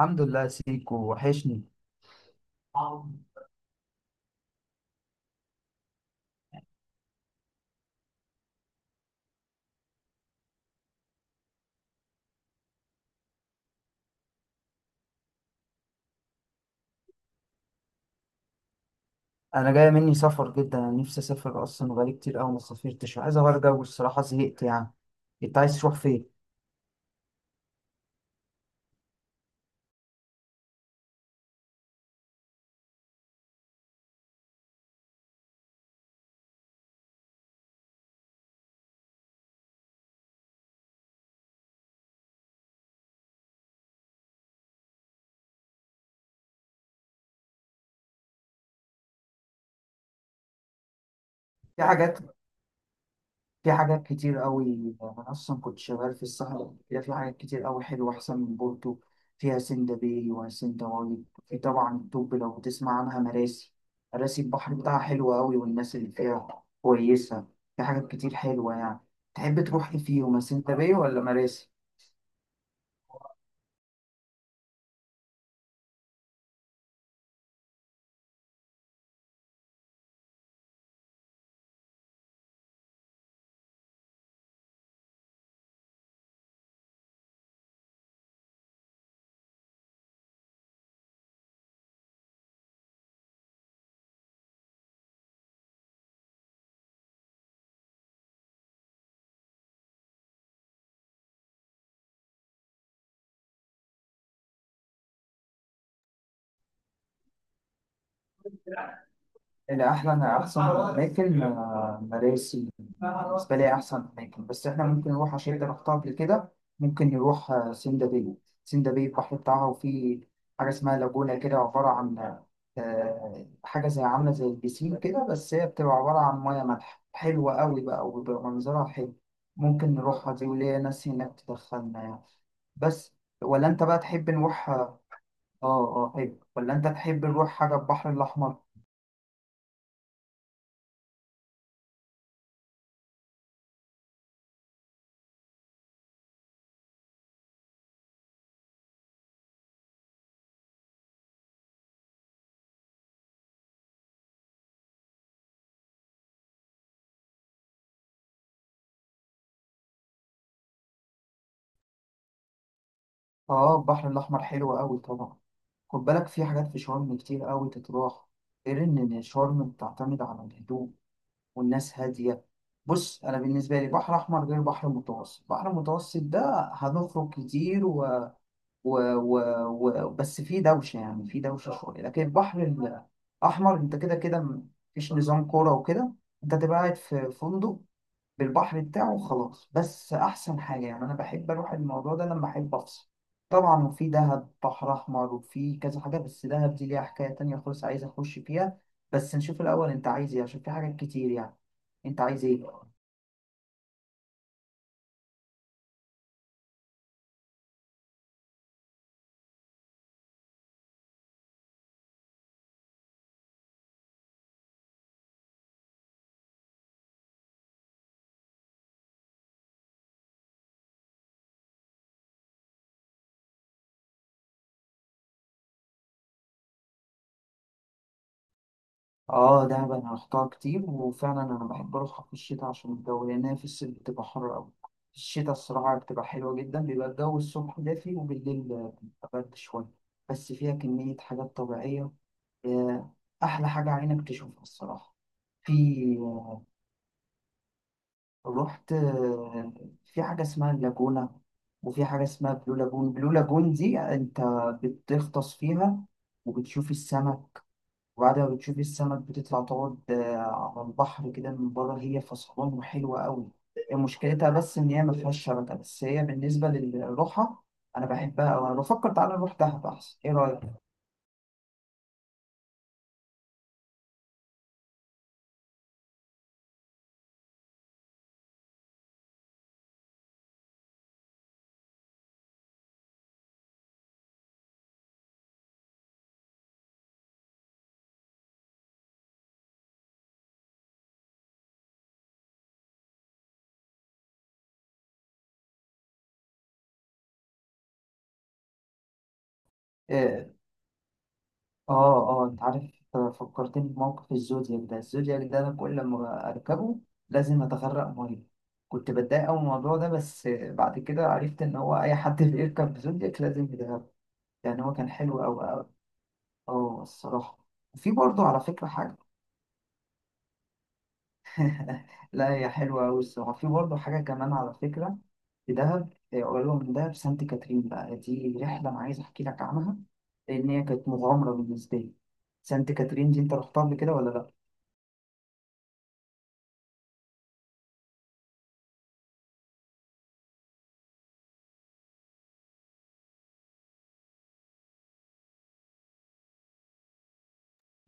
الحمد لله، سيكو وحشني. انا جايه مني سفر جدا. انا نفسي اسافر اصلا، بقالي كتير قوي ما سافرتش، عايز اغير جو الصراحه، زهقت يعني. انت عايز تروح فين؟ في حاجات، في حاجات كتير قوي. انا اصلا كنت شغال في الصحراء قبل كده، في حاجات كتير قوي حلوه احسن من بورتو. فيها سندا باي وسندا وادي، في طبعا الطب لو بتسمع عنها مراسي. مراسي البحر بتاعها حلو قوي، والناس اللي فيها كويسه. في حاجات كتير حلوه يعني. تحب تروح فيه وما سندا باي ولا مراسي؟ اللي أحلى، انا أحسن أماكن مراسي بالنسبة لي أحسن أماكن. بس إحنا ممكن نروح، عشان أنت رحتها قبل كده، ممكن نروح سندا باي. سندا باي البحر بتاعها، وفي حاجة اسمها لاجونا، كده عبارة عن حاجة زي، عاملة زي البسين كده، بس هي بتبقى عبارة عن مياه مالحة حلوة أوي بقى، وبيبقى منظرها حلو. ممكن نروحها دي، وليا ناس هناك تدخلنا يعني. بس ولا انت بقى تحب نروح؟ اه. اه حلو، ولا انت تحب نروح حاجة البحر الأحمر؟ اه البحر الأحمر حلو أوي طبعا. خد بالك، في حاجات في شرم كتير أوي تتراح، غير إن شرم بتعتمد على الهدوء والناس هادية. بص، أنا بالنسبة لي بحر أحمر غير بحر متوسط. بحر متوسط ده هنخرج كتير و... و... بس في دوشة، يعني في دوشة شوية. لكن البحر الأحمر، أنت كده كده مفيش نظام كورة وكده، أنت تبقى قاعد في فندق بالبحر بتاعه خلاص. بس احسن حاجه يعني، انا بحب اروح الموضوع ده لما احب افصل طبعا. وفي دهب بحر احمر، وفي كذا حاجه، بس دهب دي ليها حكايه تانية خالص عايز اخش فيها. بس نشوف الاول انت عايز ايه، عشان في حاجات كتير يعني. انت عايز ايه؟ اه دهب انا رحتها كتير، وفعلا انا بحب اروحها في الشتاء عشان الجو، لان هي في الصيف بتبقى حر قوي. في الشتاء الصراحه بتبقى حلوه جدا، بيبقى الجو الصبح دافي، وبالليل بيبقى برد شويه. بس فيها كميه حاجات طبيعيه، آه، أحلى حاجة عينك تشوفها الصراحة. في آه، رحت آه، في حاجة اسمها اللاجونة، وفي حاجة اسمها بلو لاجون. بلو لاجون دي أنت بتغطس فيها وبتشوف السمك، وبعد ما بتشوف السمك بتطلع تقعد على البحر كده من بره، هي فصلان وحلوة أوي. مشكلتها بس إن هي مفيهاش شبكة، بس هي بالنسبة للروحة أنا بحبها أوي. أنا بفكر تعالى نروح دهب أحسن، إيه رأيك؟ آه، اه اه انت عارف، فكرتني بموقف الزودياك ده. الزودياك ده انا كل ما اركبه لازم اتغرق ميه. كنت بتضايق قوي من الموضوع ده، بس بعد كده عرفت ان هو اي حد بيركب زودياك لازم يتغرق. يعني هو كان حلو قوي قوي. اه الصراحه. وفي برضه على فكره حاجه. لا، هي حلوه قوي الصراحه. في برضه حاجه كمان على فكره، في دهب، قريبه من دهب سانت كاترين بقى، دي رحله انا عايز احكي لك عنها، لان هي كانت مغامره بالنسبه لي. سانت كاترين دي انت رحتها قبل كده ولا لا؟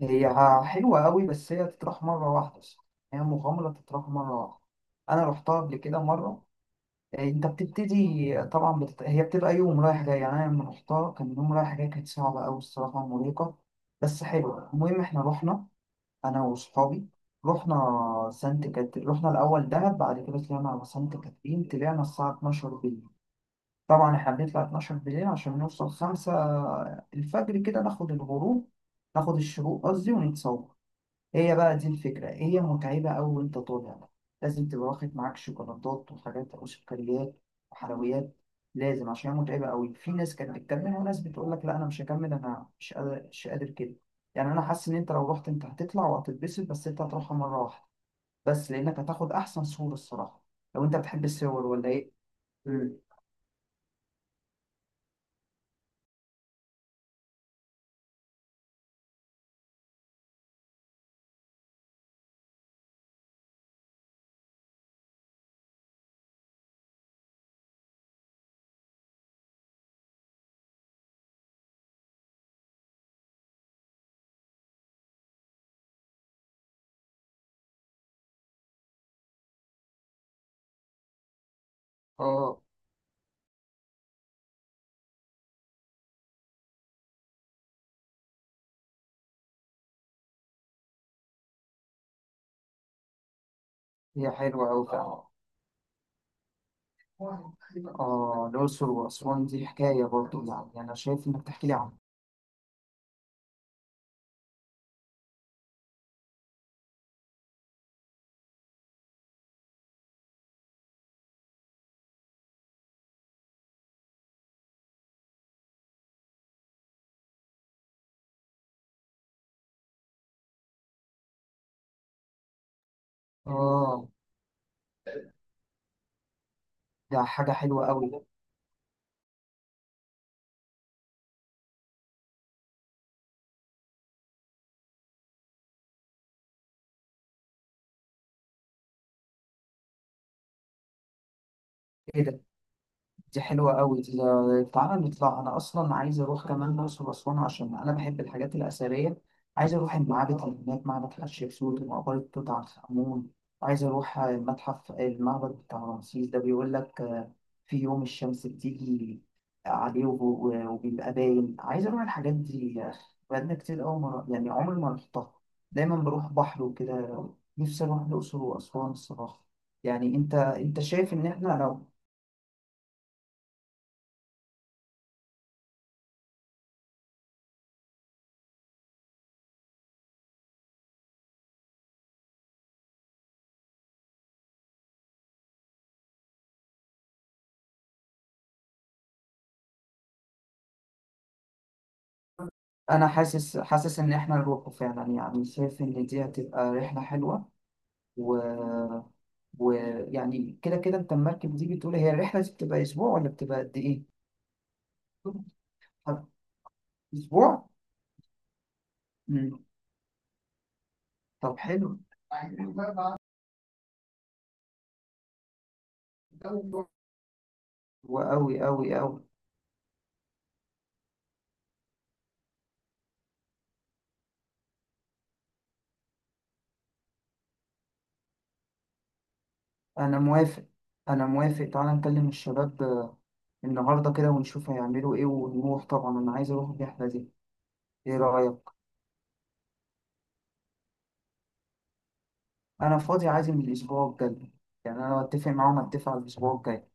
هي حلوة قوي، بس هي تتراح مرة واحدة صح؟ هي مغامرة تتراح مرة واحدة. أنا رحتها قبل كده مرة. إيه، أنت بتبتدي طبعا هي بتبقى يوم رايح جاي. يعني أنا لما رحتها كان يوم رايح جاي، كانت صعبة أوي الصراحة، مرهقة بس حلوة. المهم إحنا رحنا، أنا وصحابي، رحنا سانت كاترين. رحنا الأول دهب، بعد كده طلعنا على سانت كاترين. طلعنا الساعة 12 بالليل. طبعا إحنا بنطلع 12 بالليل عشان نوصل 5 الفجر كده، ناخد الغروب، ناخد الشروق قصدي، ونتصور. هي بقى دي الفكرة، هي متعبة أوي وأنت طالع بقى. لازم تبقى واخد معاك شوكولاتات وحاجات وسكريات وحلويات، لازم، عشان هي متعبة أوي. في ناس كانت بتكمل، وناس بتقول لك لا أنا مش هكمل، أنا مش قادر، كده. يعني أنا حاسس إن أنت لو رحت أنت هتطلع وهتتبسط، بس أنت هتروحها مرة واحدة، بس لأنك هتاخد أحسن صورة الصراحة. لو أنت بتحب الصور ولا إيه؟ مم. آه هي حلوة أوي فعلا. آه الأقصر وأسوان دي حكاية برضه، يعني أنا شايف إنك تحكي لي عنها. آه ده حاجة حلوة أوي. إيه ده، دي حلوة قوي. تعالى نطلع، أنا أصلا عايز أروح كمان الأقصر وأسوان عشان أنا بحب الحاجات الأثرية. عايز أروح المعابد اللي هناك، معبد حتشبسوت ومقبرة توت عنخ آمون، وعايز أروح المتحف، المعبد بتاع رمسيس ده بيقول لك في يوم الشمس بتيجي عليه وبيبقى باين. عايز أروح الحاجات دي يا أخي، بقالنا كتير أوي مرة، يعني عمري ما رحتها، دايما بروح بحر وكده. نفسي أروح الأقصر وأسوان الصراحة. يعني أنت شايف إن إحنا لو انا حاسس، ان احنا نروحه فعلا، يعني شايف ان دي هتبقى رحله حلوه. و ويعني كده كده انت المركب دي بتقول هي الرحله دي بتبقى اسبوع ولا بتبقى قد ايه؟ اسبوع؟ مم. طب حلو. وأوي أوي أوي. أنا موافق، أنا موافق تعالى نكلم الشباب النهاردة كده ونشوف هيعملوا إيه، ونروح طبعا، أنا عايز أروح الرحلة دي، إيه رأيك؟ أنا فاضي، عايز من الأسبوع الجاي. يعني أنا أتفق معاهم، أتفق على الأسبوع الجاي.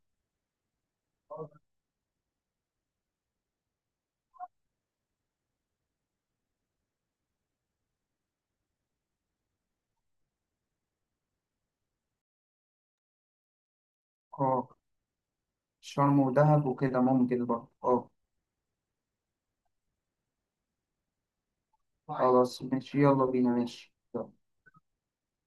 اه شرم ودهب وكده ممكن برضه اه. خلاص ماشي، يلا بينا ماشي.